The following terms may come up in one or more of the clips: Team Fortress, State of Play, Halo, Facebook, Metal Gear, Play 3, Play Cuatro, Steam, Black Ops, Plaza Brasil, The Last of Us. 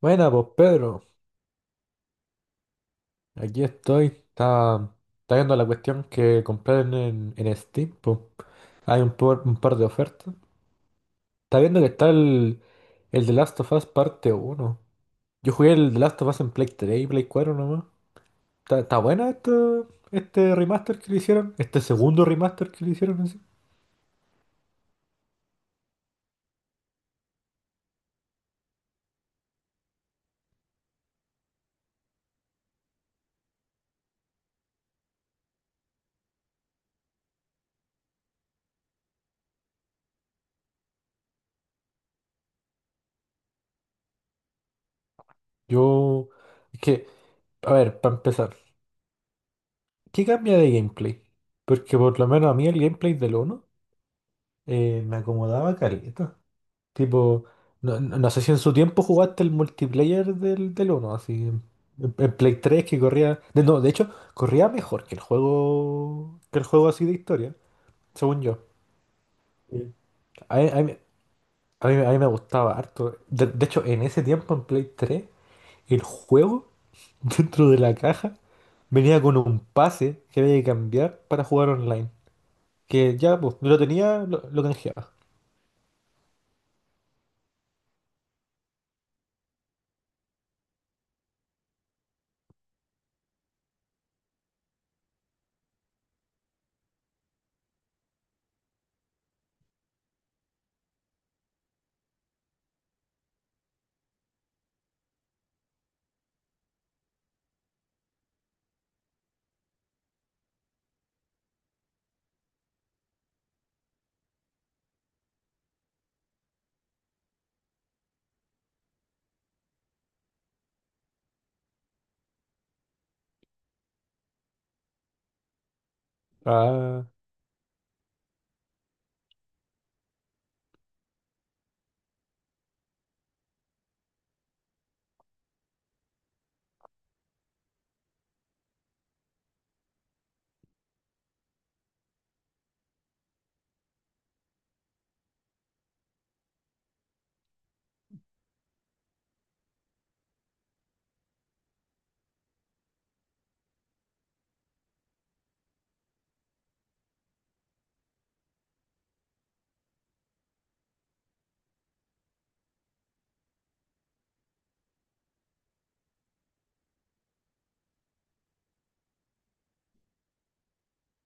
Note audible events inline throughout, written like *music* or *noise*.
Buena, pues Pedro, aquí estoy. Está, está viendo la cuestión que compré en Steam, pues. Hay un par de ofertas. Está viendo que está el The Last of Us parte uno. Yo jugué el The Last of Us en Play 3 y Play Cuatro, nomás. Está buena este remaster que le hicieron, este segundo remaster que le hicieron así. Yo. Es que, a ver, para empezar, ¿qué cambia de gameplay? Porque por lo menos a mí el gameplay del uno me acomodaba carita. Tipo, no sé si en su tiempo jugaste el multiplayer del uno, así, en Play 3 que corría... no, de hecho, corría mejor que el juego, así de historia, según yo. Sí. A mí, a mí- a mí me gustaba harto. De hecho, en ese tiempo en Play 3, el juego *laughs* dentro de la caja venía con un pase que había que cambiar para jugar online. Que ya, pues, yo lo tenía, lo canjeaba. Ah,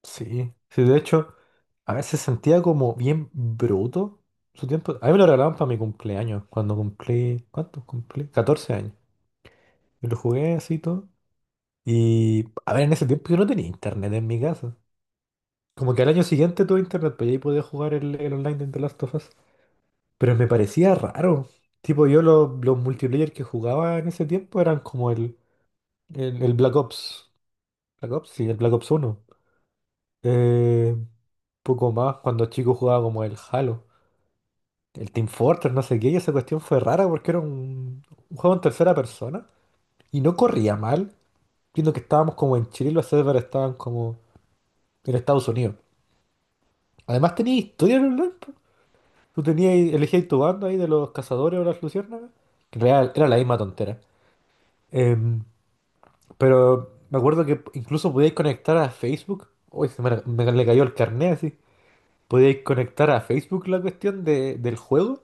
sí. Sí, de hecho. A veces sentía como bien bruto su tiempo. A mí me lo regalaban para mi cumpleaños, cuando cumplí, ¿cuánto cumplí? 14 años. Y lo jugué así y todo. Y, a ver, en ese tiempo yo no tenía internet en mi casa. Como que al año siguiente tuve internet, pues ahí podía jugar el online de The Last of Us. Pero me parecía raro. Tipo, los multiplayer que jugaba en ese tiempo eran como el Black Ops. Black Ops, sí, el Black Ops uno. Eh, poco más, cuando chico jugaba como el Halo, el Team Fortress, no sé qué. Y esa cuestión fue rara porque era un juego en tercera persona y no corría mal, viendo que estábamos como en Chile y los servers estaban como en Estados Unidos. Además tenía historia en online, po. Tú tenías, elegías tu bando ahí de los cazadores o las luciérnagas, que en realidad era la misma tontera. Em, pero me acuerdo que incluso podías conectar a Facebook. Uy, se me, me le cayó el carnet así. Podíais conectar a Facebook la cuestión del juego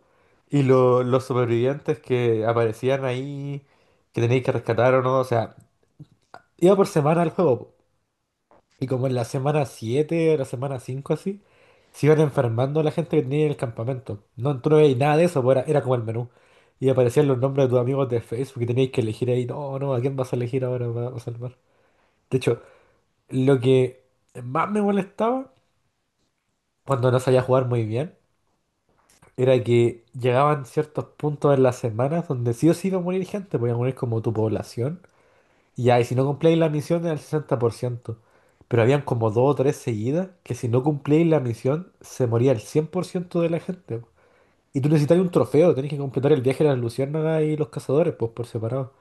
y los sobrevivientes que aparecían ahí, que tenéis que rescatar o no, o sea, iba por semana el juego, po. Y como en la semana 7 o la semana 5 así, se iban enfermando la gente que tenía en el campamento. No, tú no veías nada de eso, po, era como el menú. Y aparecían los nombres de tus amigos de Facebook y teníais que elegir ahí, no, no, ¿a quién vas a elegir ahora para salvar? De hecho, lo que más me molestaba cuando no sabía jugar muy bien era que llegaban ciertos puntos en las semanas donde sí o sí iba a morir gente, voy a morir como tu población. Y ya, y si no cumplíais la misión era el 60%, pero habían como dos o tres seguidas que si no cumplíais la misión se moría el 100% de la gente. Y tú necesitabas un trofeo, tenés que completar el viaje de las luciérnagas y los cazadores, pues por separado.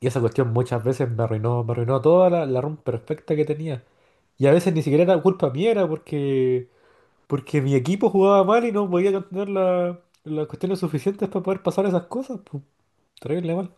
Y esa cuestión muchas veces me arruinó, toda la run perfecta que tenía. Y a veces ni siquiera era culpa mía, era porque porque mi equipo jugaba mal y no podía tener las cuestiones suficientes para poder pasar esas cosas. Pues, terrible mal.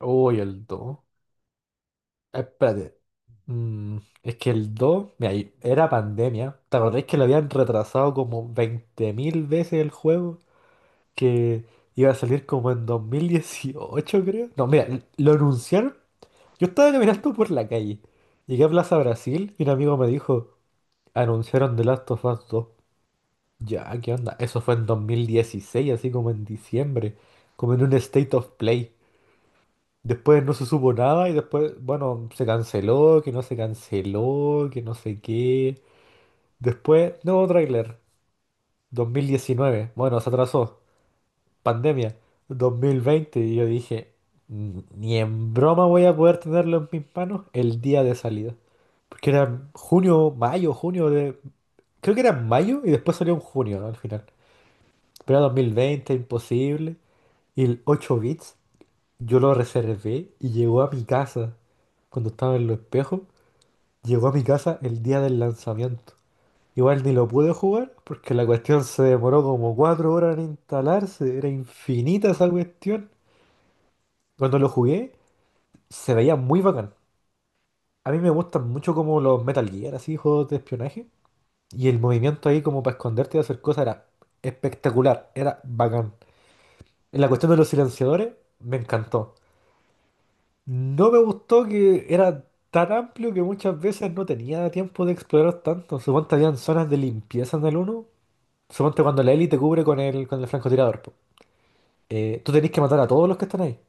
Uy, el dos. Espérate. Mm, es que el dos, mira, y era pandemia. ¿Te acordáis que lo habían retrasado como 20 mil veces el juego? Que iba a salir como en 2018, creo. No, mira, lo anunciaron. Yo estaba caminando por la calle. Llegué a Plaza Brasil y un amigo me dijo, anunciaron The Last of Us 2. Ya, ¿qué onda? Eso fue en 2016, así como en diciembre, como en un State of Play. Después no se supo nada y después, bueno, se canceló, que no se canceló, que no sé qué. Después, nuevo tráiler, 2019, bueno, se atrasó, pandemia, 2020, y yo dije, Ni en broma voy a poder tenerlo en mis manos el día de salida". Porque era junio, mayo, junio de... Creo que era en mayo y después salió en junio, ¿no? Al final. Pero era 2020, imposible. Y el 8 bits, yo lo reservé y llegó a mi casa. Cuando estaba en los espejos, llegó a mi casa el día del lanzamiento. Igual ni lo pude jugar porque la cuestión se demoró como 4 horas en instalarse. Era infinita esa cuestión. Cuando lo jugué, se veía muy bacán. A mí me gustan mucho como los Metal Gear, así, juegos de espionaje. Y el movimiento ahí como para esconderte y hacer cosas era espectacular, era bacán. En la cuestión de los silenciadores, me encantó. No me gustó que era tan amplio que muchas veces no tenía tiempo de explorar tanto. Suponte habían zonas de limpieza en el 1. Suponte cuando la Ellie te cubre con el francotirador, po. Tú tenés que matar a todos los que están ahí.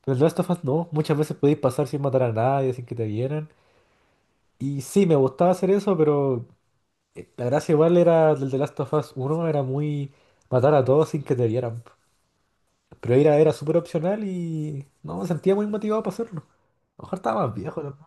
Pero en The Last of Us no. Muchas veces podéis pasar sin matar a nadie, sin que te vieran. Y sí, me gustaba hacer eso, pero la gracia igual era del The Last of Us 1 era muy matar a todos sin que te vieran, po. Pero era súper opcional y no me sentía muy motivado para hacerlo. A lo mejor estaba más viejo, ¿no?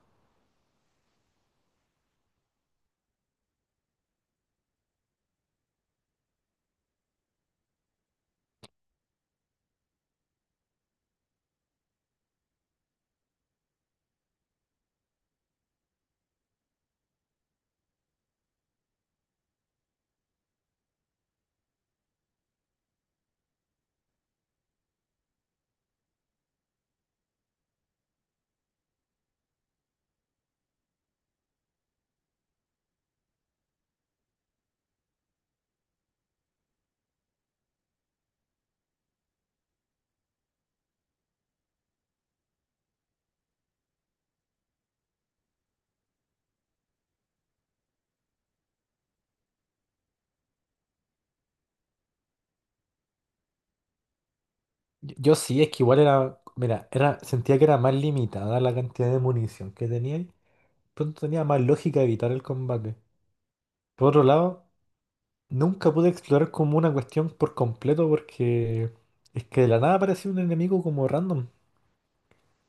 Yo sí, es que igual era, mira, era, sentía que era más limitada la cantidad de munición que tenía y pronto tenía más lógica evitar el combate. Por otro lado, nunca pude explorar como una cuestión por completo porque es que de la nada aparecía un enemigo como random.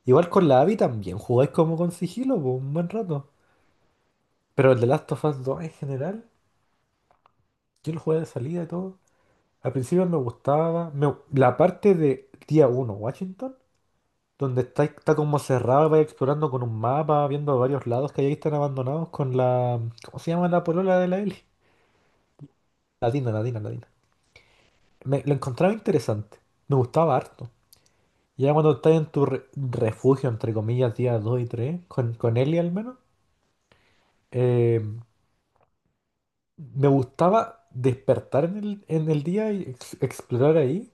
Igual con la AVI también, jugáis como con sigilo por un buen rato. Pero el de Last of Us 2 en general, yo lo jugué de salida y todo. Al principio me gustaba la parte de día uno Washington. Donde está, está como cerrado, vais explorando con un mapa, viendo varios lados que ahí están abandonados con la... ¿Cómo se llama la polola de la Eli? La Dina. Me, lo encontraba interesante. Me gustaba harto. Ya cuando estás en tu refugio, entre comillas, día 2 y 3 con Eli al menos, eh, me gustaba despertar en el día y explorar ahí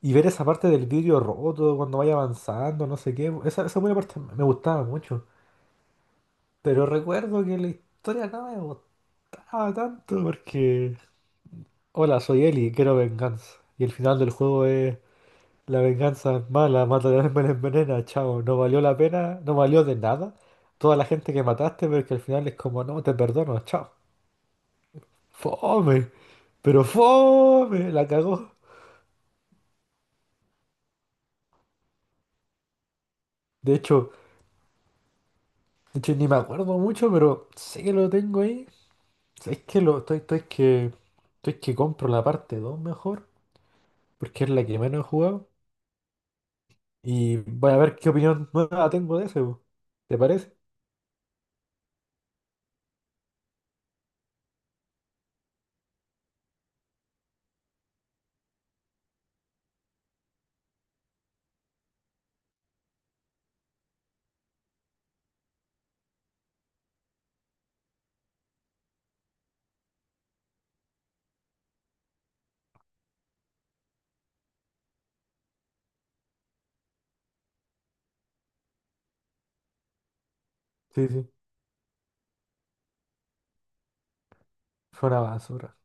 y ver esa parte del vidrio roto cuando vaya avanzando, no sé qué. Esa buena parte me gustaba mucho. Pero recuerdo que la historia nada me gustaba. Ah, tanto porque... Hola, soy Eli, quiero venganza. Y el final del juego es... La venganza es mala, mata a me la envenena, chao. No valió la pena, no valió de nada. Toda la gente que mataste, pero que al final es como, no, te perdono, chao. Fome, pero fome, la cagó. De hecho, de hecho ni me acuerdo mucho, pero sé que lo tengo ahí. Es que lo, estoy, estoy que compro la parte 2 mejor, porque es la que menos he jugado. Y voy a ver qué opinión nueva tengo de ese, po. ¿Te parece? Sí, sí, fue una basura.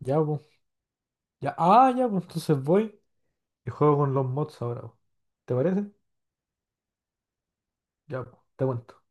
Ya, pues. Ya, ah, ya, pues entonces voy y juego con los mods ahora, po. ¿Te parece? Ya, pues, te cuento.